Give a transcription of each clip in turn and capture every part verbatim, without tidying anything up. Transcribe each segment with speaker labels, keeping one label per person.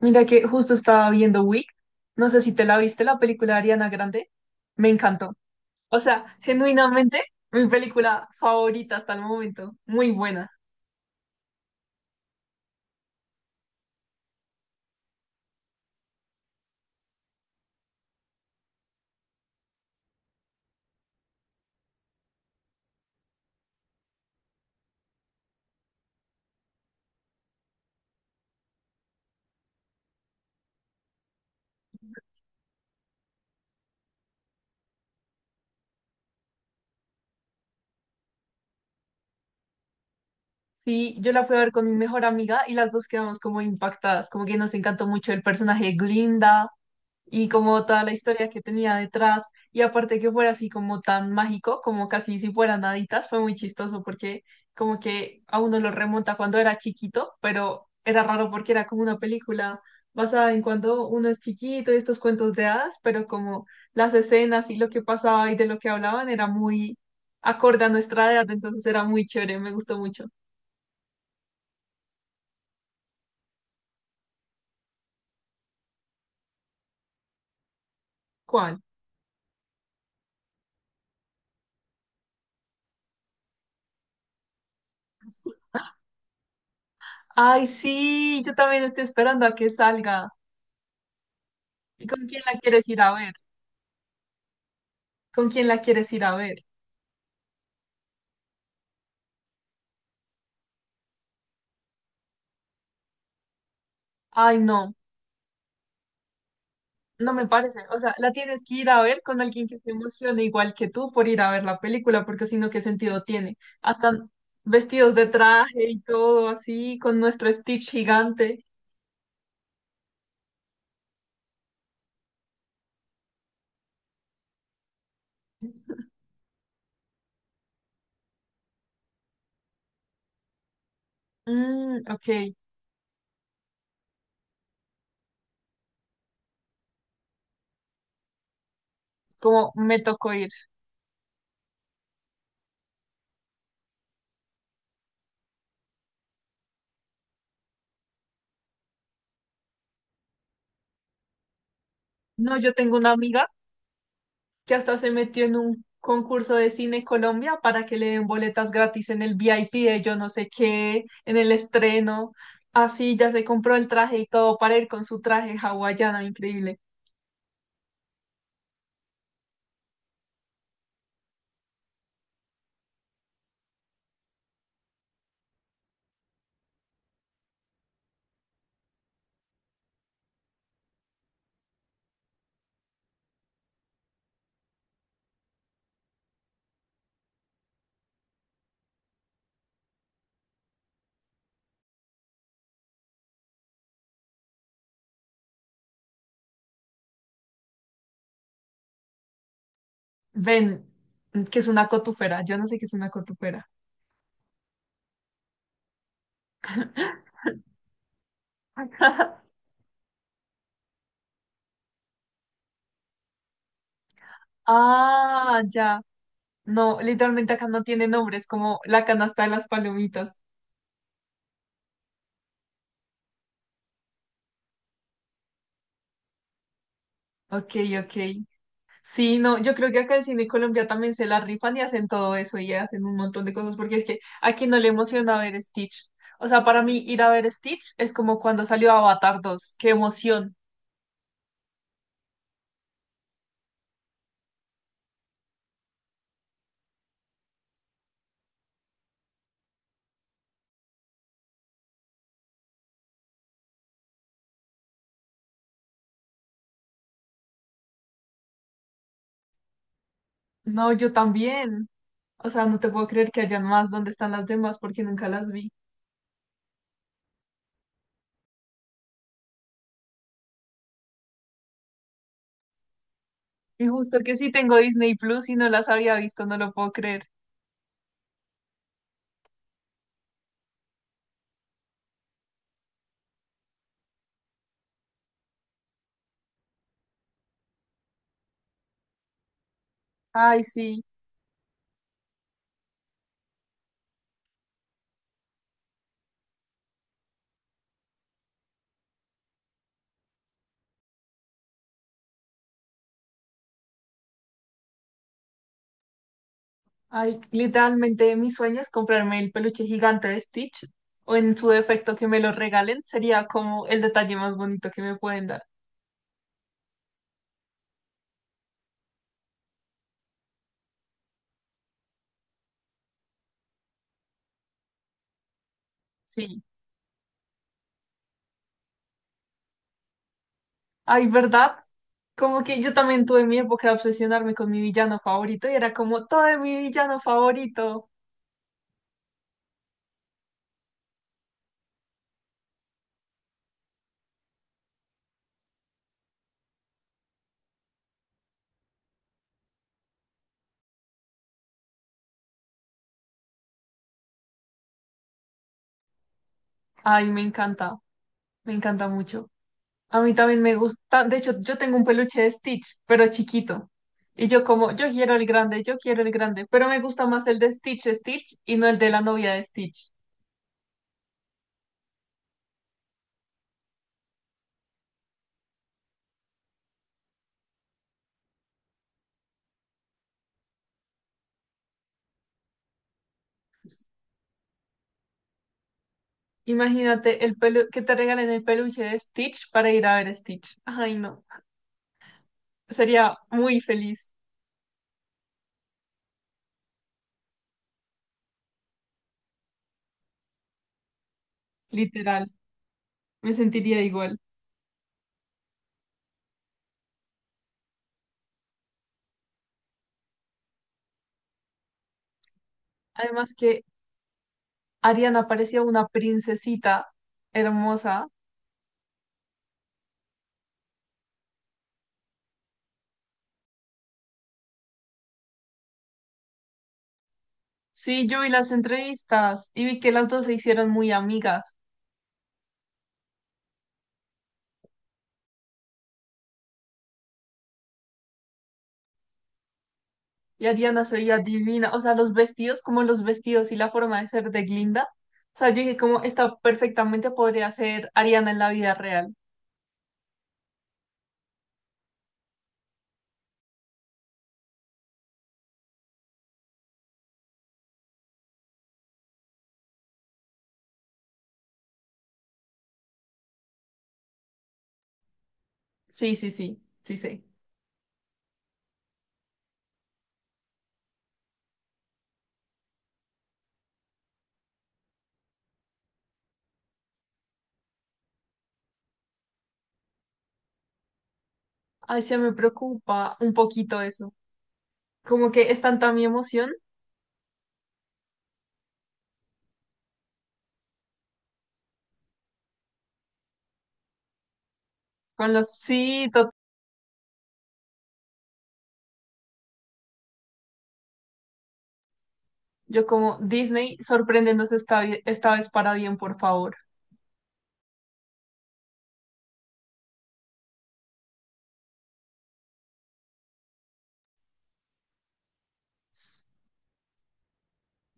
Speaker 1: Mira que justo estaba viendo Wick, no sé si te la viste, la película de Ariana Grande, me encantó. O sea, genuinamente, mi película favorita hasta el momento, muy buena. Sí, yo la fui a ver con mi mejor amiga y las dos quedamos como impactadas, como que nos encantó mucho el personaje de Glinda, y como toda la historia que tenía detrás, y aparte que fuera así como tan mágico, como casi si fueran haditas, fue muy chistoso porque como que a uno lo remonta cuando era chiquito, pero era raro porque era como una película basada en cuando uno es chiquito y estos cuentos de hadas, pero como las escenas y lo que pasaba y de lo que hablaban era muy acorde a nuestra edad, entonces era muy chévere, me gustó mucho. ¿Cuál? Ay, sí, yo también estoy esperando a que salga. ¿Y con quién la quieres ir a ver? ¿Con quién la quieres ir a ver? Ay, no, no me parece. O sea, la tienes que ir a ver con alguien que se emocione igual que tú por ir a ver la película, porque si no, ¿qué sentido tiene? Hasta vestidos de traje y todo así, con nuestro Stitch gigante. Mm, ok, como me tocó ir. No, yo tengo una amiga. que hasta se metió en un concurso de Cine Colombia para que le den boletas gratis en el VIP de yo no sé qué, en el estreno. Así ya se compró el traje y todo para ir con su traje hawaiana, increíble. Ven, que es una cotufera, yo no sé qué es una cotufera. Ah, ya. No, literalmente acá no tiene nombre, es como la canasta de las palomitas. Ok, ok. Sí, no, yo creo que acá en Cine Colombia también se la rifan y hacen todo eso y hacen un montón de cosas porque es que aquí no le emociona ver Stitch. O sea, para mí ir a ver Stitch es como cuando salió Avatar dos, qué emoción. No, yo también. O sea, no te puedo creer que hayan más ¿Dónde están las demás porque nunca las vi. Y justo que sí tengo Disney Plus y no las había visto, no lo puedo creer. Ay, sí. Ay, literalmente mi sueño es comprarme el peluche gigante de Stitch o en su defecto que me lo regalen. Sería como el detalle más bonito que me pueden dar. Sí. Ay, ¿verdad? Como que yo también tuve mi época de obsesionarme con mi villano favorito y era como todo de mi villano favorito. Ay, me encanta, me encanta mucho. A mí también me gusta, de hecho, yo tengo un peluche de Stitch, pero chiquito. Y yo como, yo quiero el grande, yo quiero el grande, pero me gusta más el de Stitch, Stitch y no el de la novia de Stitch. Imagínate el pelu que te regalen el peluche de Stitch para ir a ver Stitch. Ay, no. Sería muy feliz, literal. Me sentiría igual. Además que Ariana parecía una princesita hermosa. Sí, yo vi las entrevistas y vi que las dos se hicieron muy amigas. Y Ariana se veía divina. O sea, los vestidos, como los vestidos y la forma de ser de Glinda. O sea, yo dije, como esta perfectamente podría ser Ariana en la vida real. Sí, sí, sí, sí, sí. Ay, se me preocupa un poquito eso. Como que es tanta mi emoción con los sí, to- yo como Disney, sorpréndenos esta, vi- esta vez para bien, por favor.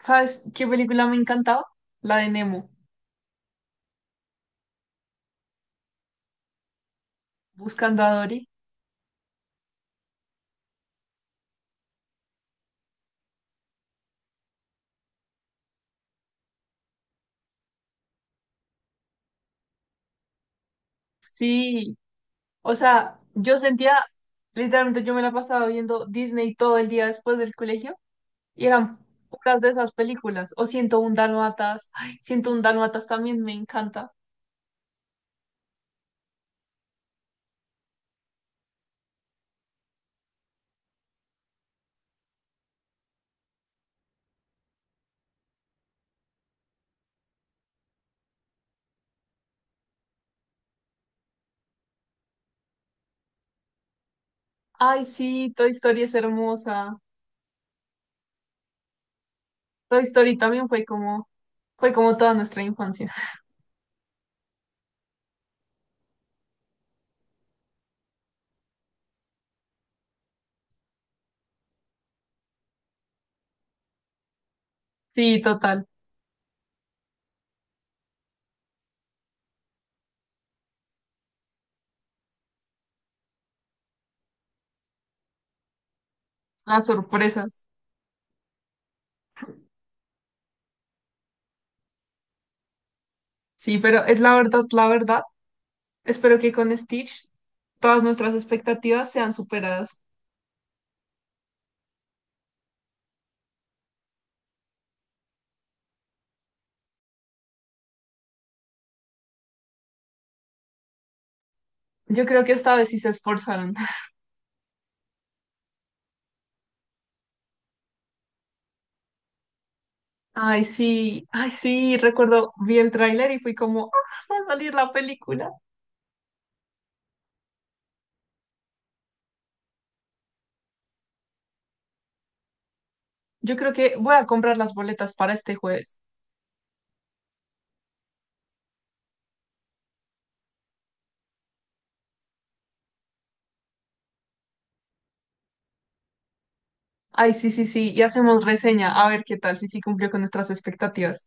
Speaker 1: ¿Sabes qué película me encantaba? La de Nemo, Buscando a Dory. Sí, o sea, yo sentía, literalmente yo me la pasaba viendo Disney todo el día después del colegio y eran puras de esas películas. O ciento uno Dálmatas, ay, ciento uno Dálmatas también me encanta. Ay, sí, Toy Story es hermosa. Toy Story también fue como, fue como toda nuestra infancia. Sí, total. Las sorpresas. Sí, pero es la verdad, la verdad. Espero que con Stitch todas nuestras expectativas sean superadas. Yo creo que esta vez sí se esforzaron. Ay, sí, ay, sí, recuerdo, vi el tráiler y fui como, ah, va a salir la película. Yo creo que voy a comprar las boletas para este jueves. Ay, sí, sí, sí, y hacemos reseña, a ver qué tal, si sí cumplió con nuestras expectativas.